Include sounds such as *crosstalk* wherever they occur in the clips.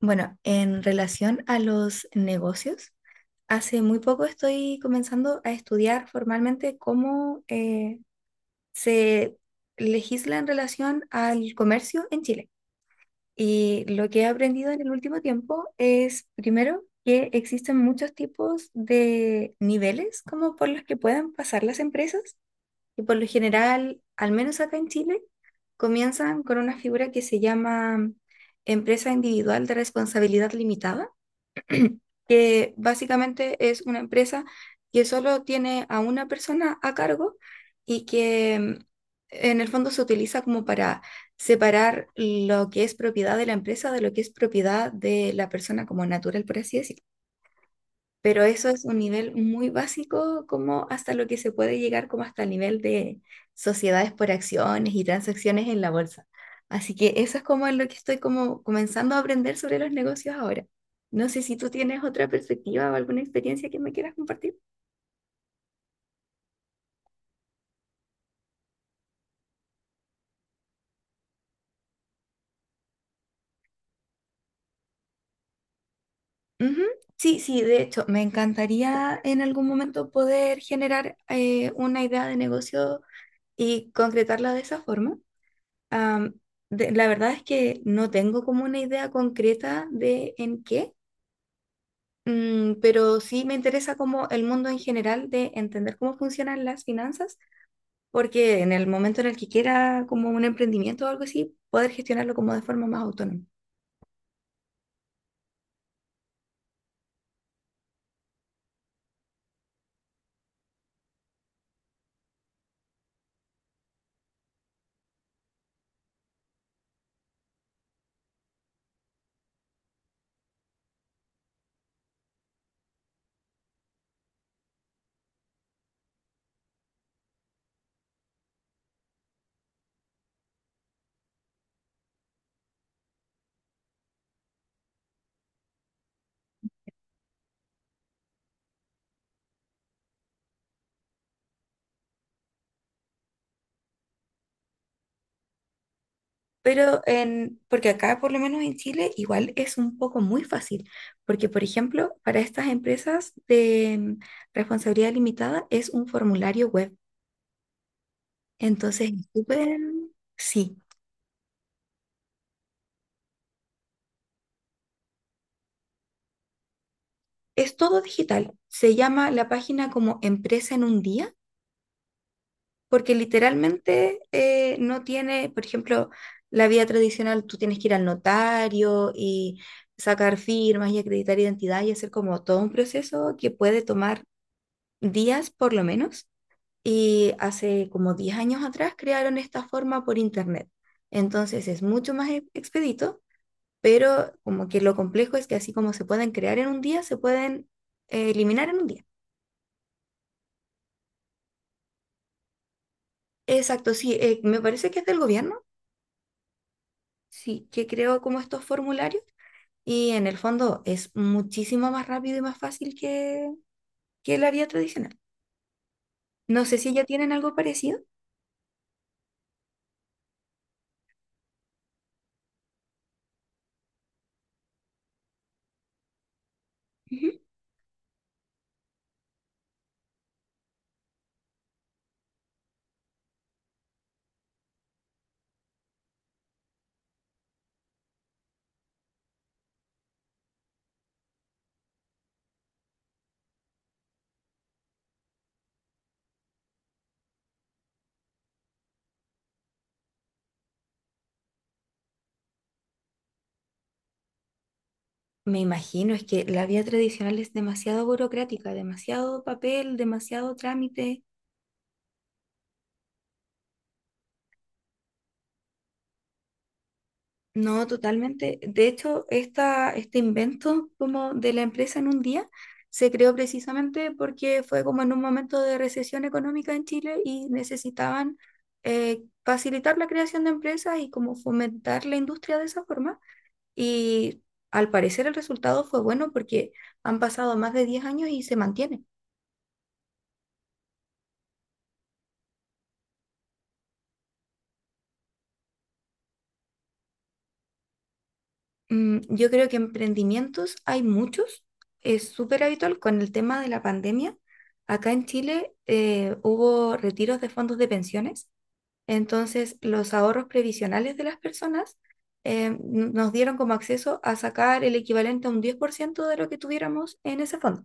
Bueno, en relación a los negocios, hace muy poco estoy comenzando a estudiar formalmente cómo se legisla en relación al comercio en Chile. Y lo que he aprendido en el último tiempo es, primero, que existen muchos tipos de niveles como por los que puedan pasar las empresas. Y por lo general, al menos acá en Chile, comienzan con una figura que se llama empresa individual de responsabilidad limitada *clears throat* que básicamente es una empresa que solo tiene a una persona a cargo y que en el fondo se utiliza como para separar lo que es propiedad de la empresa de lo que es propiedad de la persona como natural, por así decirlo. Pero eso es un nivel muy básico, como hasta lo que se puede llegar, como hasta el nivel de sociedades por acciones y transacciones en la bolsa. Así que eso es como lo que estoy como comenzando a aprender sobre los negocios ahora. No sé si tú tienes otra perspectiva o alguna experiencia que me quieras compartir. Ujú. Sí, sí, de hecho, me encantaría en algún momento poder generar una idea de negocio y concretarla de esa forma. Am, la verdad es que no tengo como una idea concreta de en qué, pero sí me interesa como el mundo en general de entender cómo funcionan las finanzas, porque en el momento en el que quiera como un emprendimiento o algo así, poder gestionarlo como de forma más autónoma. Pero en, porque acá, por lo menos en Chile, igual es un poco muy fácil, porque por ejemplo, para estas empresas de responsabilidad limitada es un formulario web. Entonces, es súper, sí. Es todo digital. Se llama la página como Empresa en un día, porque literalmente no tiene, por ejemplo, la vía tradicional, tú tienes que ir al notario y sacar firmas y acreditar identidad y hacer como todo un proceso que puede tomar días por lo menos. Y hace como 10 años atrás crearon esta forma por internet. Entonces es mucho más expedito, pero como que lo complejo es que así como se pueden crear en un día, se pueden eliminar en un día. Exacto, sí, me parece que es del gobierno, sí, que creo como estos formularios y en el fondo es muchísimo más rápido y más fácil que la vía tradicional. No sé si ya tienen algo parecido. Ujú. Me imagino, es que la vía tradicional es demasiado burocrática, demasiado papel, demasiado trámite. No, totalmente. De hecho, esta, este invento como de la empresa en un día se creó precisamente porque fue como en un momento de recesión económica en Chile y necesitaban facilitar la creación de empresas y como fomentar la industria de esa forma. Y al parecer el resultado fue bueno porque han pasado más de 10 años y se mantiene. Yo creo que emprendimientos hay muchos, es súper habitual con el tema de la pandemia. Acá en Chile hubo retiros de fondos de pensiones, entonces los ahorros previsionales de las personas eh, n- nos dieron como acceso a sacar el equivalente a un 10% de lo que tuviéramos en ese fondo.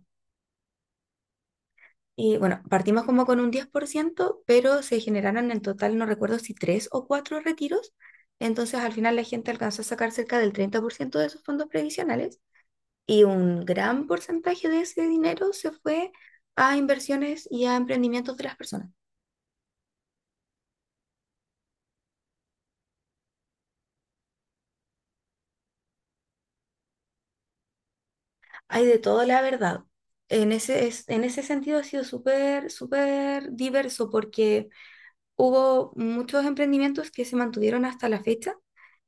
Y bueno, partimos como con un 10% pero se generaron en total, no recuerdo si tres o cuatro retiros, entonces al final la gente alcanzó a sacar cerca del 30% de esos fondos previsionales y un gran porcentaje de ese dinero se fue a inversiones y a emprendimientos de las personas. Hay de todo, la verdad. En ese sentido ha sido súper, súper diverso porque hubo muchos emprendimientos que se mantuvieron hasta la fecha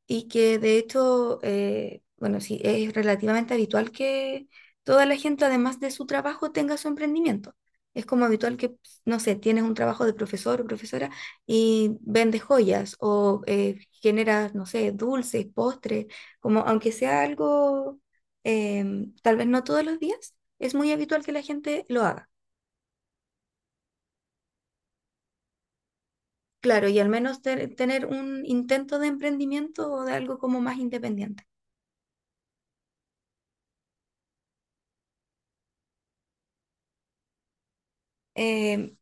y que de hecho, sí, es relativamente habitual que toda la gente, además de su trabajo, tenga su emprendimiento. Es como habitual que, no sé, tienes un trabajo de profesor o profesora y vendes joyas o generas, no sé, dulces, postres, como aunque sea algo, tal vez no todos los días, es muy habitual que la gente lo haga. Claro, y al menos tener un intento de emprendimiento o de algo como más independiente. Em,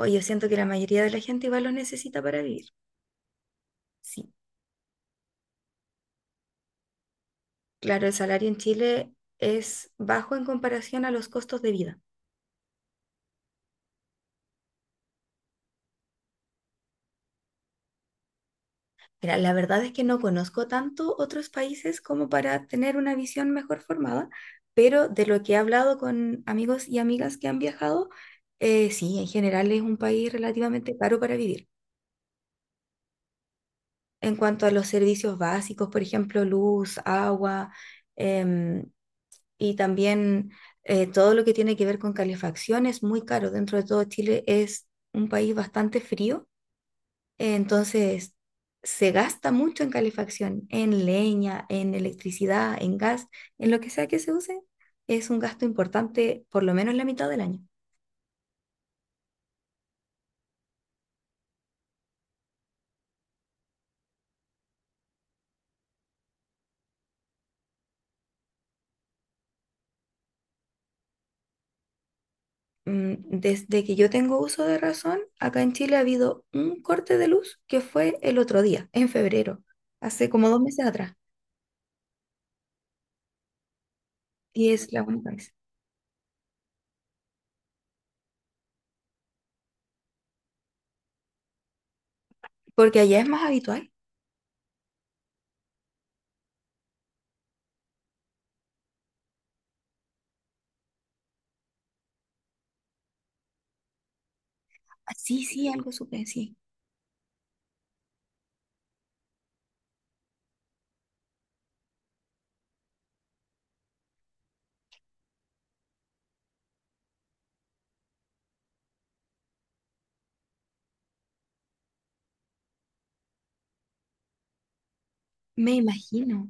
O yo siento que la mayoría de la gente igual lo necesita para vivir. Sí, claro, el salario en Chile es bajo en comparación a los costos de vida. Mira, la verdad es que no conozco tanto otros países como para tener una visión mejor formada, pero de lo que he hablado con amigos y amigas que han viajado, sí, en general es un país relativamente caro para vivir. En cuanto a los servicios básicos, por ejemplo, luz, agua, em, y también todo lo que tiene que ver con calefacción es muy caro. Dentro de todo Chile es un país bastante frío, entonces se gasta mucho en calefacción, en leña, en electricidad, en gas, en lo que sea que se use, es un gasto importante por lo menos la mitad del año. Desde que yo tengo uso de razón, acá en Chile ha habido un corte de luz que fue el otro día, en febrero, hace como 2 meses atrás, y es la única vez. Porque allá es más habitual. Ah, sí, sí, algo supe, sí. Me imagino.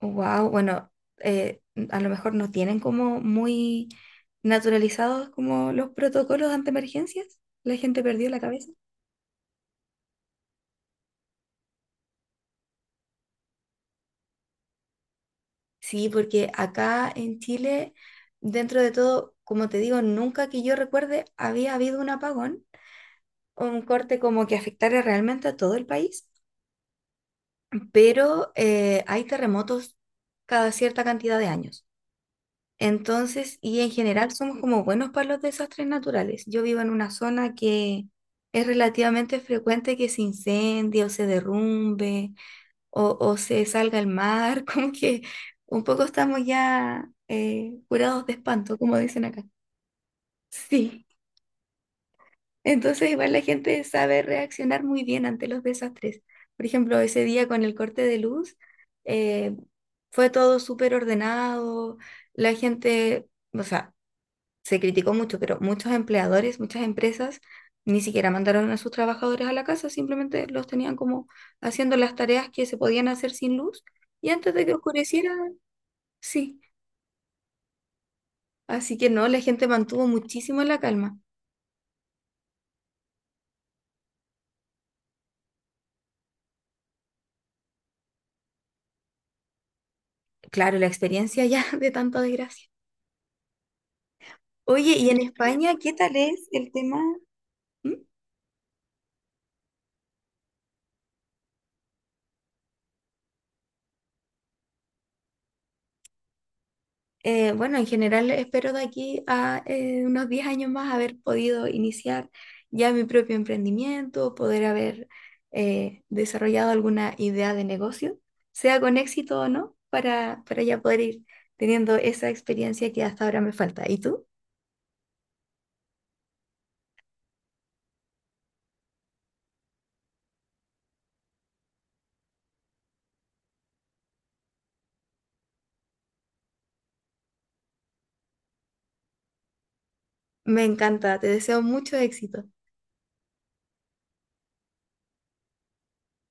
Wow, bueno, eh, a lo mejor no tienen como muy naturalizados como los protocolos ante emergencias. La gente perdió la cabeza. Sí, porque acá en Chile, dentro de todo, como te digo, nunca que yo recuerde había habido un apagón o un corte como que afectara realmente a todo el país, pero hay terremotos cada cierta cantidad de años. Entonces, y en general somos como buenos para los desastres naturales. Yo vivo en una zona que es relativamente frecuente que se incendie o se derrumbe o se salga al mar, *laughs* como que un poco estamos ya curados de espanto, como dicen acá. Sí, entonces igual la gente sabe reaccionar muy bien ante los desastres. Por ejemplo, ese día con el corte de luz, eh, fue todo súper ordenado, la gente... O sea, se criticó mucho, pero muchos empleadores, muchas empresas ni siquiera mandaron a sus trabajadores a la casa, simplemente los tenían como haciendo las tareas que se podían hacer sin luz y antes de que oscureciera, sí. Así que no, la gente mantuvo muchísimo la calma. Claro, la experiencia ya *laughs* de tanta desgracia. Oye, ¿y en España qué tal es el tema? ¿Mm? Bueno, en general espero de aquí a unos 10 años más haber podido iniciar ya mi propio emprendimiento, poder haber desarrollado alguna idea de negocio, sea con éxito o no, para ya poder ir teniendo esa experiencia que hasta ahora me falta. ¿Y tú? Me encanta, te deseo mucho éxito.